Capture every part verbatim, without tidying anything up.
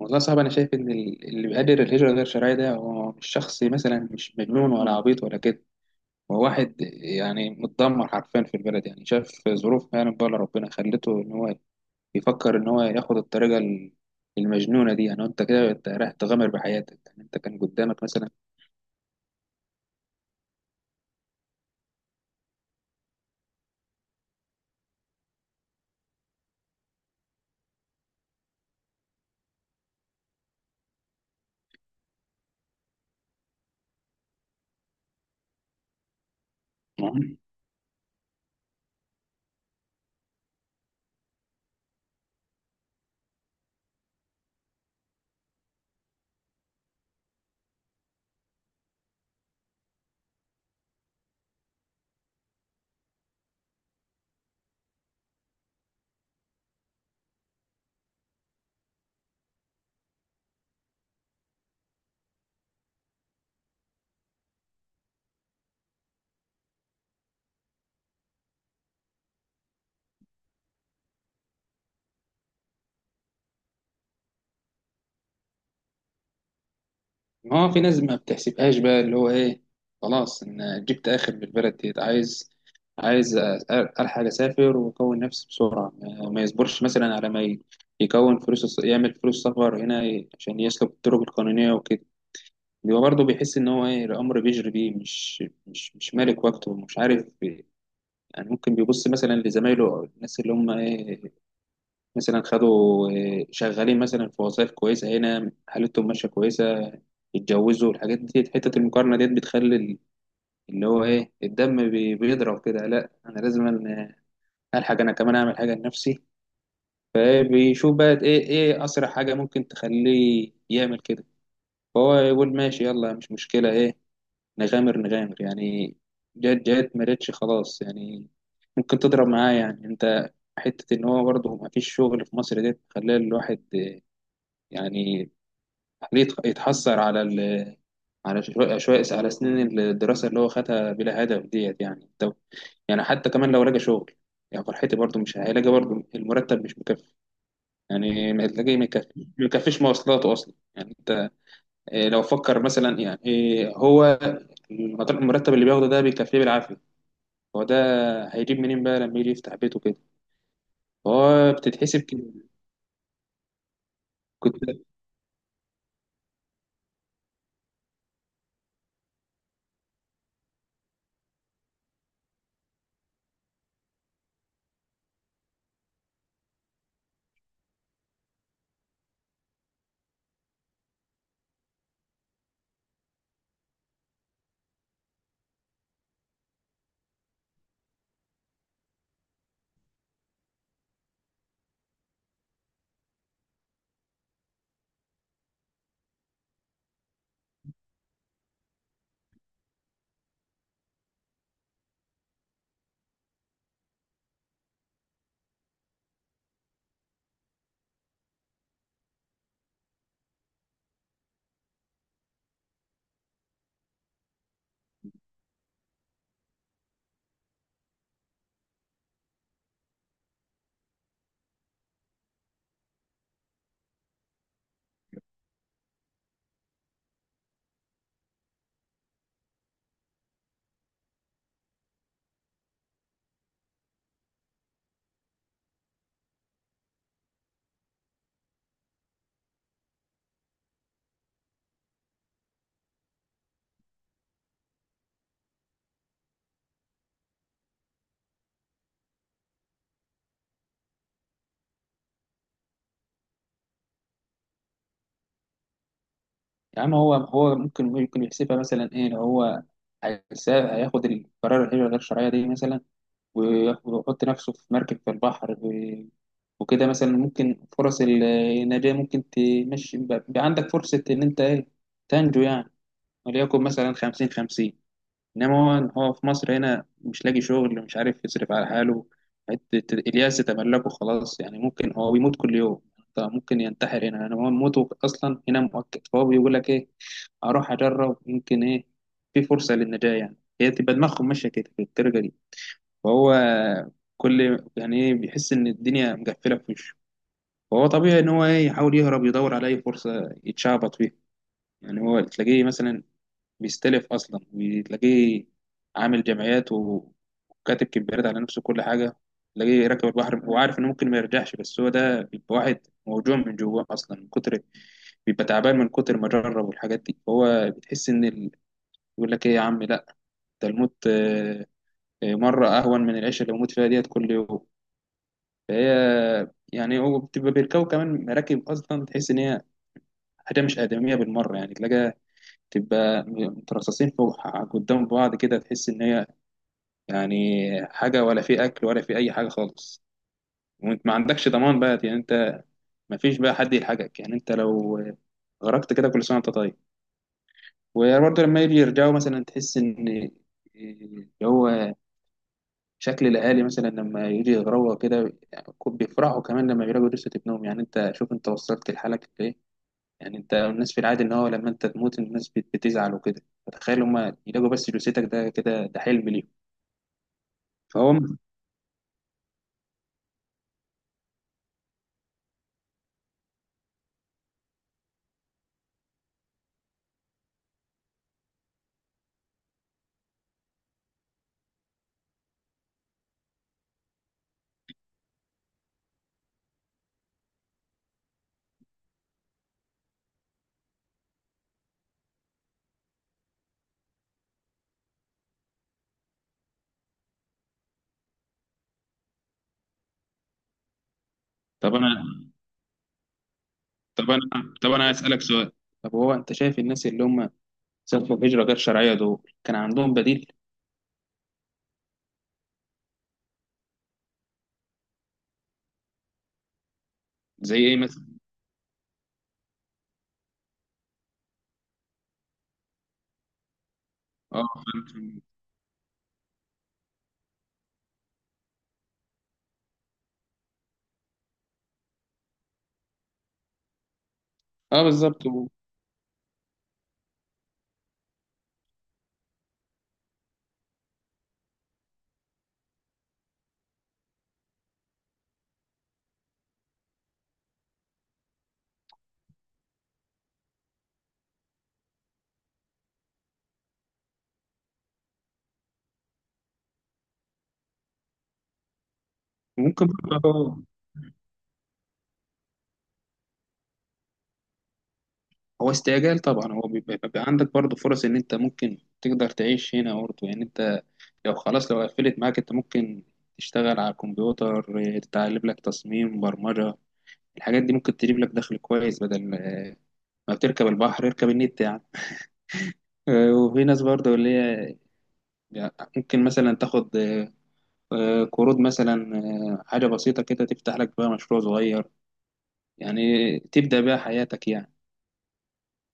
والله صعب، انا شايف ان ال- اللي بيقدر الهجره غير شرعيه ده هو مش شخص مثلا مش مجنون ولا عبيط ولا كده. هو واحد يعني متدمر حرفيا في البلد، يعني شاف ظروف، يعني بقى ربنا خلته ان هو يفكر ان هو ياخد الطريقه ال- المجنونه دي. يعني انت كده انت رايح تغامر بحياتك، يعني انت كان قدامك مثلا. ما هو في ناس ما بتحسبهاش بقى، اللي هو ايه، خلاص ان جبت اخر من البلد ديت. عايز عايز أ- الحق اسافر واكون نفسي بسرعه، ما ما يصبرش مثلا، على ما ي- يكون فلوس الس- يعمل فلوس سفر هنا، ي- عشان يسلك الطرق القانونيه وكده. بيبقى برضه بيحس ان هو ايه، الامر بيجري بيه، مش مش مش مالك وقته، مش عارف. يعني ممكن بيبص مثلا لزمايله او الناس اللي هم ايه، مثلا خدوا، آه، شغالين مثلا في وظائف كويسة هنا، حالتهم ماشية كويسة، اتجوزوا الحاجات دي. حتة المقارنة ديت بتخلي ال- اللي هو ايه، الدم بي- بيضرب كده. لا، انا لازم أن- الحق انا كمان اعمل حاجة لنفسي. آه، بيشوف بقى ايه، ايه اسرع حاجة ممكن تخليه يعمل كده. فهو يقول ماشي يلا، مش مشكلة ايه، نغامر نغامر يعني. جت جت ما جتش خلاص يعني، ممكن تضرب معاه يعني انت. حتة إن هو برضه مفيش شغل في مصر ديت، مخليه الواحد يعني، خليه يتخ- يتحسر على ال على شوية شوية على سنين الدراسة اللي هو خدها بلا هدف ديت. يعني طب، يعني حتى كمان لو لقى شغل، يعني فرحتي برضه مش هيلاقي برضه، المرتب مش مكفي. يعني ما تلاقيه ما يكفي- ما يكفيش مواصلاته أصلا. يعني أنت إيه، لو فكر مثلا يعني إيه، هو المط- المرتب اللي بياخده ده بيكفيه بالعافية. هو ده، هيجيب منين بقى لما يجي يفتح بيته كده؟ هو بتتحسب كده. كنت يا عم، هو هو ممكن ممكن يحسبها مثلا ايه. لو هو هيسا- هياخد القرار الهجرة غير الشرعية دي مثلا، وياخ- ويحط نفسه في مركب في البحر و- وكده مثلا، ممكن فرص النجاة ممكن تمشي. يبقى يبقى عندك فرصة إن أنت إيه، تنجو يعني، وليكن مثلا خمسين خمسين. إنما هو هو في مصر هنا مش لاقي شغل، مش عارف يصرف على حاله، حتة الياس تملكه خلاص يعني. ممكن هو بيموت كل يوم، أنت ممكن ينتحر هنا يعني، هو موته أصلا هنا مؤقت. فهو بيقول لك إيه، اروح اجرب، ممكن ايه، في فرصه للنجاه يعني. هي تبقى دماغهم ماشيه كده في الدرجه دي. فهو كل، يعني ايه، بيحس ان الدنيا مقفله في وشه. فهو طبيعي ان هو ايه، يحاول يهرب، يدور على اي فرصه يتشعبط فيها. يعني هو تلاقيه مثلا بيستلف اصلا، وتلاقيه عامل جمعيات و- وكاتب كبيرات على نفسه كل حاجه. تلاقيه راكب البحر، هو عارف انه ممكن ما يرجعش. بس هو ده بيبقى واحد موجوع من جواه اصلا من كتر، بيبقى تعبان من كتر ما جرب والحاجات دي. هو بتحس ان، يقول لك ايه يا عم، لا ده الموت آه، آه، مرة اهون من العيشة اللي بموت فيها ديت كل يوم. فهي يعني هو بتبقى بيركبوا كمان مراكب اصلا، تحس ان هي حاجة مش آدمية بالمرة. يعني تلاقيها تبقى مترصصين فوق قدام بعض كده، تحس ان هي يعني حاجة، ولا في اكل ولا في اي حاجة خالص. وانت ما عندكش ضمان بقى، يعني انت ما فيش بقى حد يلحقك. يعني انت لو غرقت كده، كل سنة وانت طيب. وبرضه لما يجي يرجعوا مثلا، تحس ان آه، اللي هو شكل الاهالي مثلا لما يجي يغروا كده، يعني بيفرحوا كمان لما بيلاقوا جثه ابنهم. يعني انت شوف انت وصلت لحالك لايه. يعني انت الناس في العادي ان هو لما انت تموت الناس بت- بتزعل وكده، فتخيل هما يلاقوا بس جثتك، ده كده ده حلم ليهم. فهو. طب انا طب انا طب انا هسألك سؤال. طب هو انت شايف الناس اللي هم سافروا هجره غير شرعيه دول كان عندهم بديل؟ زي ايه مثلا؟ اه، فهمت. اه، بالظبط. وممكن برضه، هو استعجال طبعا. هو بيبقى بيبقى عندك برضه فرص ان انت ممكن تقدر تعيش هنا برضه. يعني انت لو خلاص لو قفلت معاك، انت ممكن تشتغل على الكمبيوتر إيه، تتعلم لك تصميم برمجة، الحاجات دي ممكن تجيب لك دخل كويس. بدل اه، ما بتركب البحر اركب النت يعني. آه، وفي ناس برضه اللي هي يعني ممكن مثلا تاخد، آه، اه، قروض مثلا، آه، حاجة بسيطة كده تفتح لك بقى مشروع صغير، يعني تبدأ بقى حياتك يعني.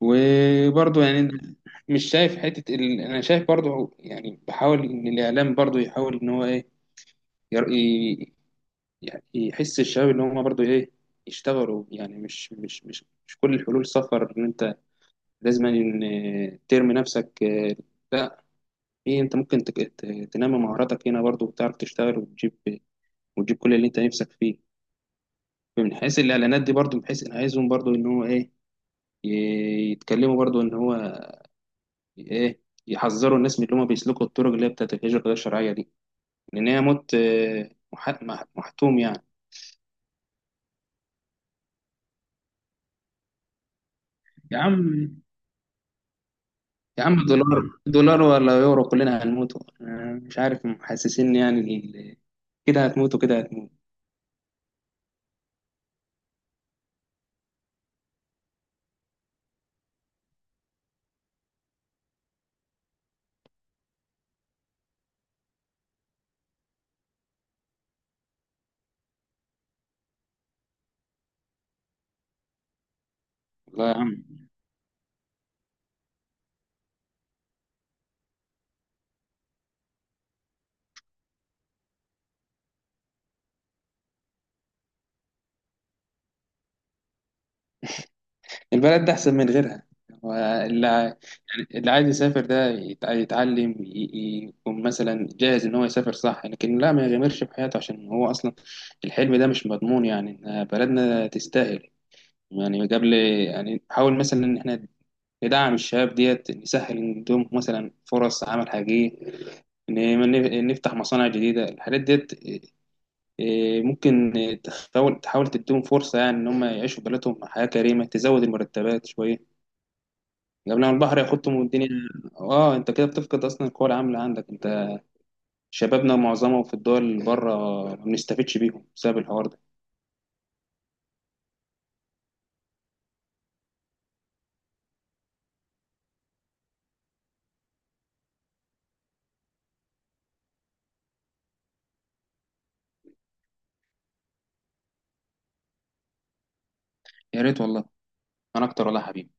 وبرضه يعني، مش شايف حتة ال... أنا شايف برضه يعني، بحاول إن الإعلام برضه يحاول إن هو إيه، ير... ي- يعني يحس الشباب إن هم برضه إيه، يشتغلوا يعني. مش مش مش مش كل الحلول سفر، إن أنت لازم إن ترمي نفسك آه، لا. إيه، أنت ممكن تك... ت- تنمي مهاراتك هنا برضه، وتعرف تشتغل وتجيب وتجيب كل اللي أنت نفسك فيه. من حيث الإعلانات دي برضه، بحيث أنا عايزهم برضه إن هو إيه، ي- يتكلموا برضه إن هو ايه، يحذروا الناس من اللي هم بيسلكوا الطرق اللي هي بتاعت الهجرة غير الشرعية دي، لأن هي موت آه، مح- مح- محتوم يعني. يا عم، يا عم دولار دولار ولا يورو، كلنا هنموتوا. أنا مش عارف محسسين يعني ال- كده هتموتوا كده هتموتوا. والله يا عم، البلد ده أحسن من غيرها. هو اللي ع- يعني اللي عايز يسافر ده يت- يتعلم، ي- ي- يكون مثلا جاهز إن هو يسافر صح، لكن لا ما يغامرش بحياته، عشان هو أصلا الحلم ده مش مضمون. يعني إن بلدنا تستاهل، يعني قبل، يعني نحاول مثلا إن إحنا ندعم الشباب ديت، نسهل عندهم مثلا فرص عمل حقيقية، إن إن نفتح مصانع جديدة، الحاجات ديت إيه، ممكن إيه، تحاول تحاول تديهم فرصة، يعني إن هم يعيشوا في بلدهم حياة كريمة، تزود المرتبات شوية قبل ما البحر ياخدهم والدنيا. آه، أنت كده بتفقد أصلا القوى العاملة عندك. أنت، شبابنا معظمهم في الدول اللي بره، ما بنستفدش بيهم بسبب الحوار ده. يا ريت والله. أنا أكتر والله يا حبيبي.